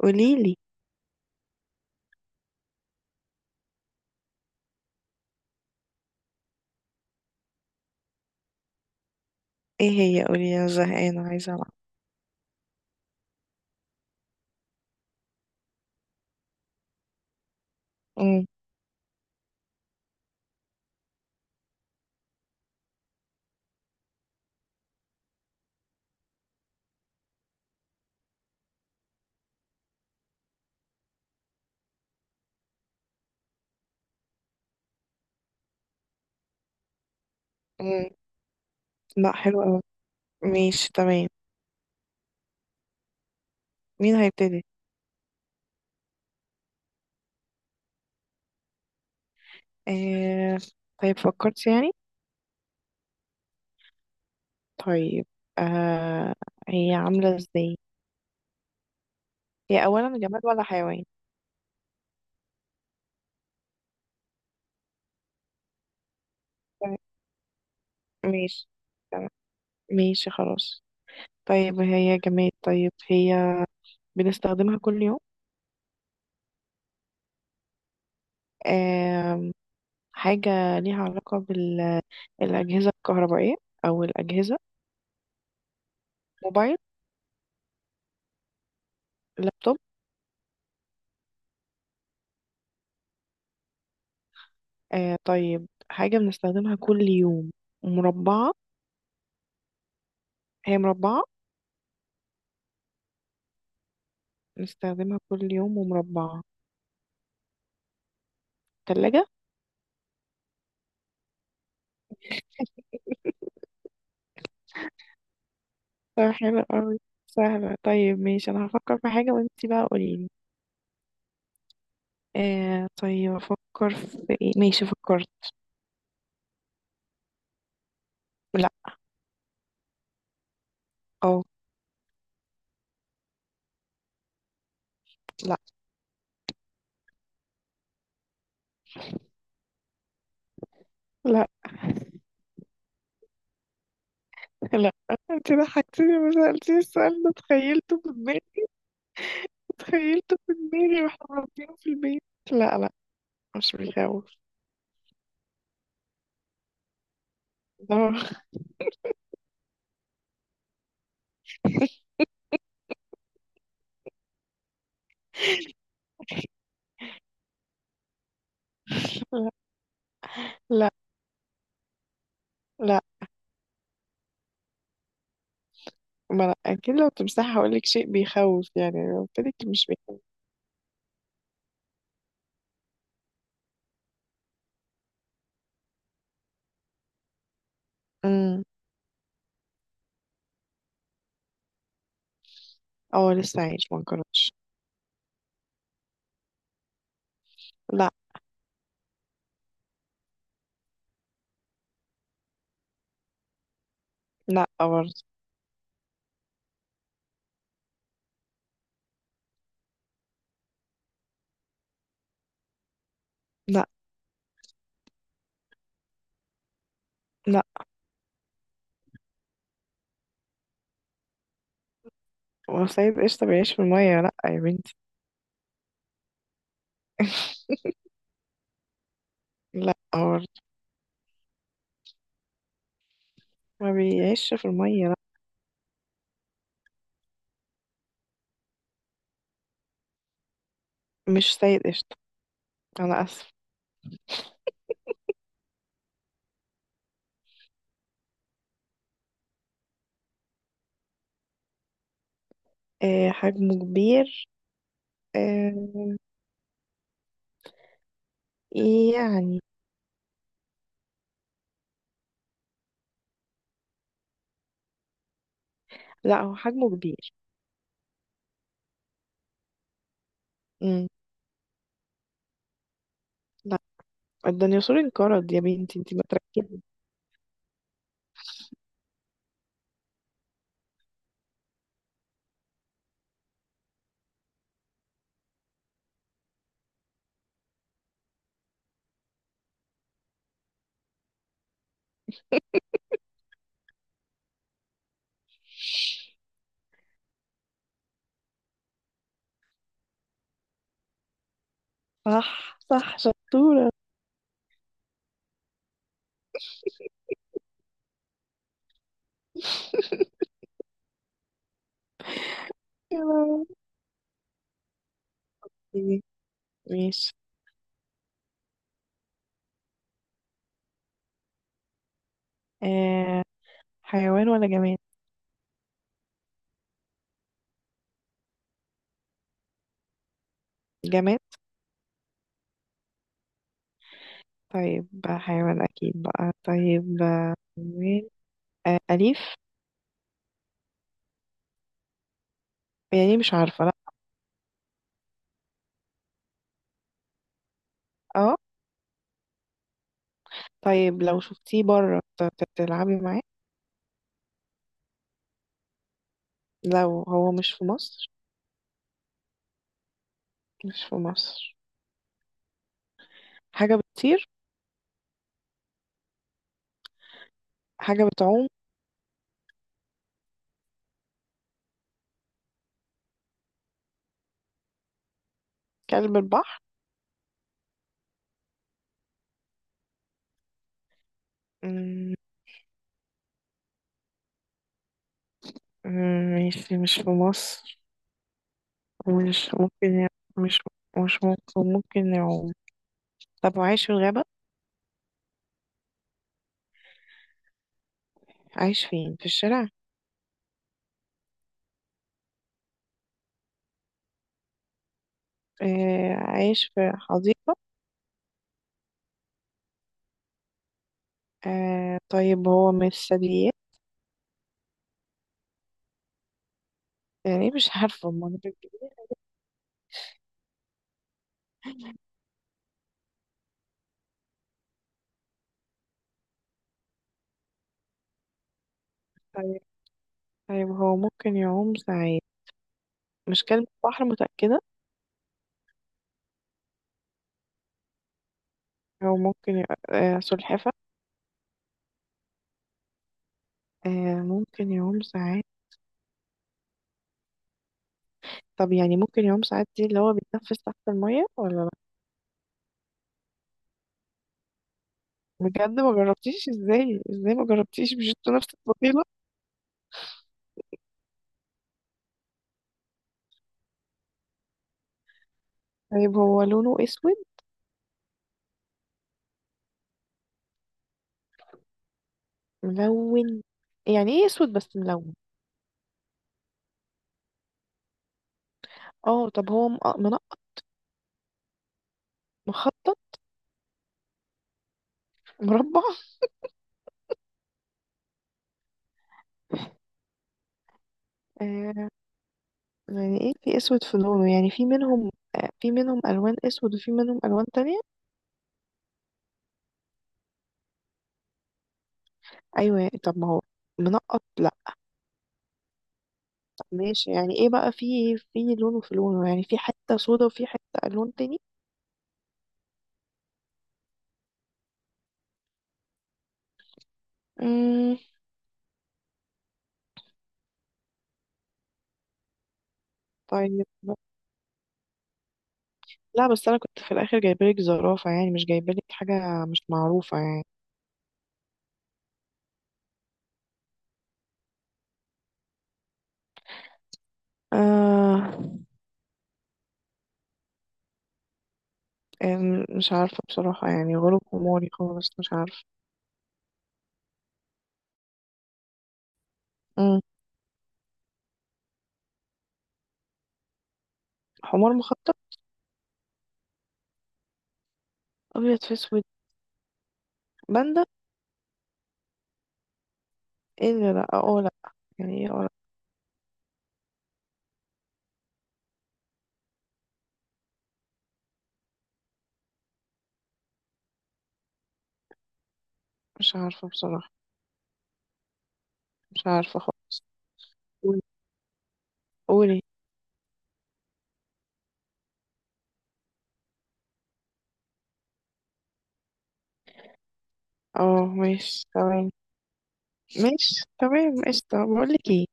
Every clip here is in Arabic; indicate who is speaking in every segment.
Speaker 1: قوليلي. ايه هي؟ قولي، انا زهقانة عايزة العب. امم. امم. لا، حلو اوي. ماشي، تمام. مين هيبتدي؟ آه... طيب فكرت يعني. طيب. آه... هي عاملة ازاي؟ هي اولا جماد ولا حيوان؟ طيب، ماشي، تمام. ماشي خلاص. طيب هي جماد. طيب هي بنستخدمها كل يوم. آه... حاجة ليها علاقة بالأجهزة الكهربائية، أو الأجهزة. موبايل؟ لابتوب؟ طيب، حاجة بنستخدمها كل يوم ومربعة. هي مربعة. بنستخدمها كل يوم ومربعة. تلاجة. طيب، حلو قوي. سهلة. طيب ماشي، أنا هفكر في حاجة وانتي بقى قوليلي. طيب، أفكر في ايه. ماشي، فكرت. لا. أو. لا. لا. لا، انتي ضحكتيني، ما سألتيش السؤال ده، تخيلته في دماغي. تخيلته في دماغي واحنا مربينه في البيت. لا، لا، مش بيخوف. ده. لا، لا، لا. ما أنا أكيد لو تمساح هقولك شيء بيخوف، يعني لو قلتلك مش بيخوف. امم. اه، لسه عايش ما انقرضش. لا. لا برضه. لا. لا، هو الصيد قشطة بيعيش في المية؟ لا يا بنتي. لا برضه. ما بيعيش في المية، لا. مش سيد قشطة، أنا آسف. حجمه كبير. آه، يعني. لا، هو حجمه كبير. مم. لا، الديناصور انقرض يا بنتي، انتي ما تركزي. صح، صح، شطورة. يا لهوي. ماشي. آه حيوان ولا جماد؟ جماد. طيب بقى حيوان اكيد، بقى طيب. حيوان. اليف؟ يعني مش عارفة، لا. اه. طيب لو شفتيه بره تلعبي معاه. لو هو مش في مصر. مش في مصر. حاجة بتطير؟ حاجة بتعوم؟ كلب البحر؟ مم. مم. ماشي، مش في مصر. مش ممكن يع- مش مش، ممكن يعوم. طب وعايش في الغابة؟ عايش فين، في الشارع؟ عايش في حديقة؟ طيب هو مش ثدييات؟ يعني مش عارفة ما أنا بالكبير. طيب. طيب هو ممكن يعوم ساعات. مش كلب بحر، متأكدة. هو ممكن ي... آه سلحفة؟ آه. ممكن يعوم ساعات. طب يعني ممكن يعوم ساعات دي اللي هو بيتنفس تحت المية ولا لا؟ بجد ما جربتيش؟ ازاي ازاي ما جربتيش؟ مش انتوا نفس الطفيلة؟ طيب هو لونه اسود؟ ملون. يعني ايه اسود بس ملون؟ اه. طب هو مخطط؟ مربع؟ آه. يعني ايه في اسود في لونه؟ يعني في منهم، في منهم الوان اسود وفي منهم الوان تانية؟ ايوه يعني. طب ما هو منقط، لا. ماشي، يعني ايه بقى في لونه، يعني في حته سودا وفي حته الوان تاني. امم. طيب. لا، بس انا كنت في الاخر جايبالك زرافه، يعني مش جايبالك حاجه مش معروفه يعني. آه. مش عارفه بصراحه، يعني غروب حماري خالص، مش عارفه. مم. حمار مخطط. ابيض في اسود. باندا؟ ايه ده، لا، اه، لا. يعني ايه، اه، لا. مش عارفه بصراحه. مش عارفة خالص. قولي. قولي. اه، ماشي، تمام. ماشي، تمام، قشطة. بقولك ايه،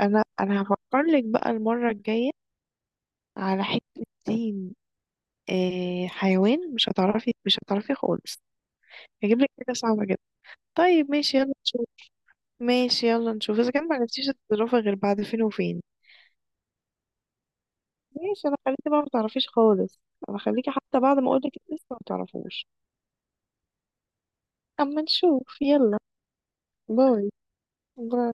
Speaker 1: انا هفكرلك بقى المرة الجاية على حتة دين. حيوان، مش هتعرفي، مش هتعرفي خالص. هجيب لك حاجة صعبة جدا. طيب ماشي، يلا نشوف. ماشي يلا نشوف اذا كان ما عرفتيش تتصرفي غير بعد فين وفين. ماشي، انا خليكي بقى ما تعرفيش خالص. انا خليكي حتى بعد ما اقولك لسه ما تعرفوش. اما نشوف. يلا. باي. باي.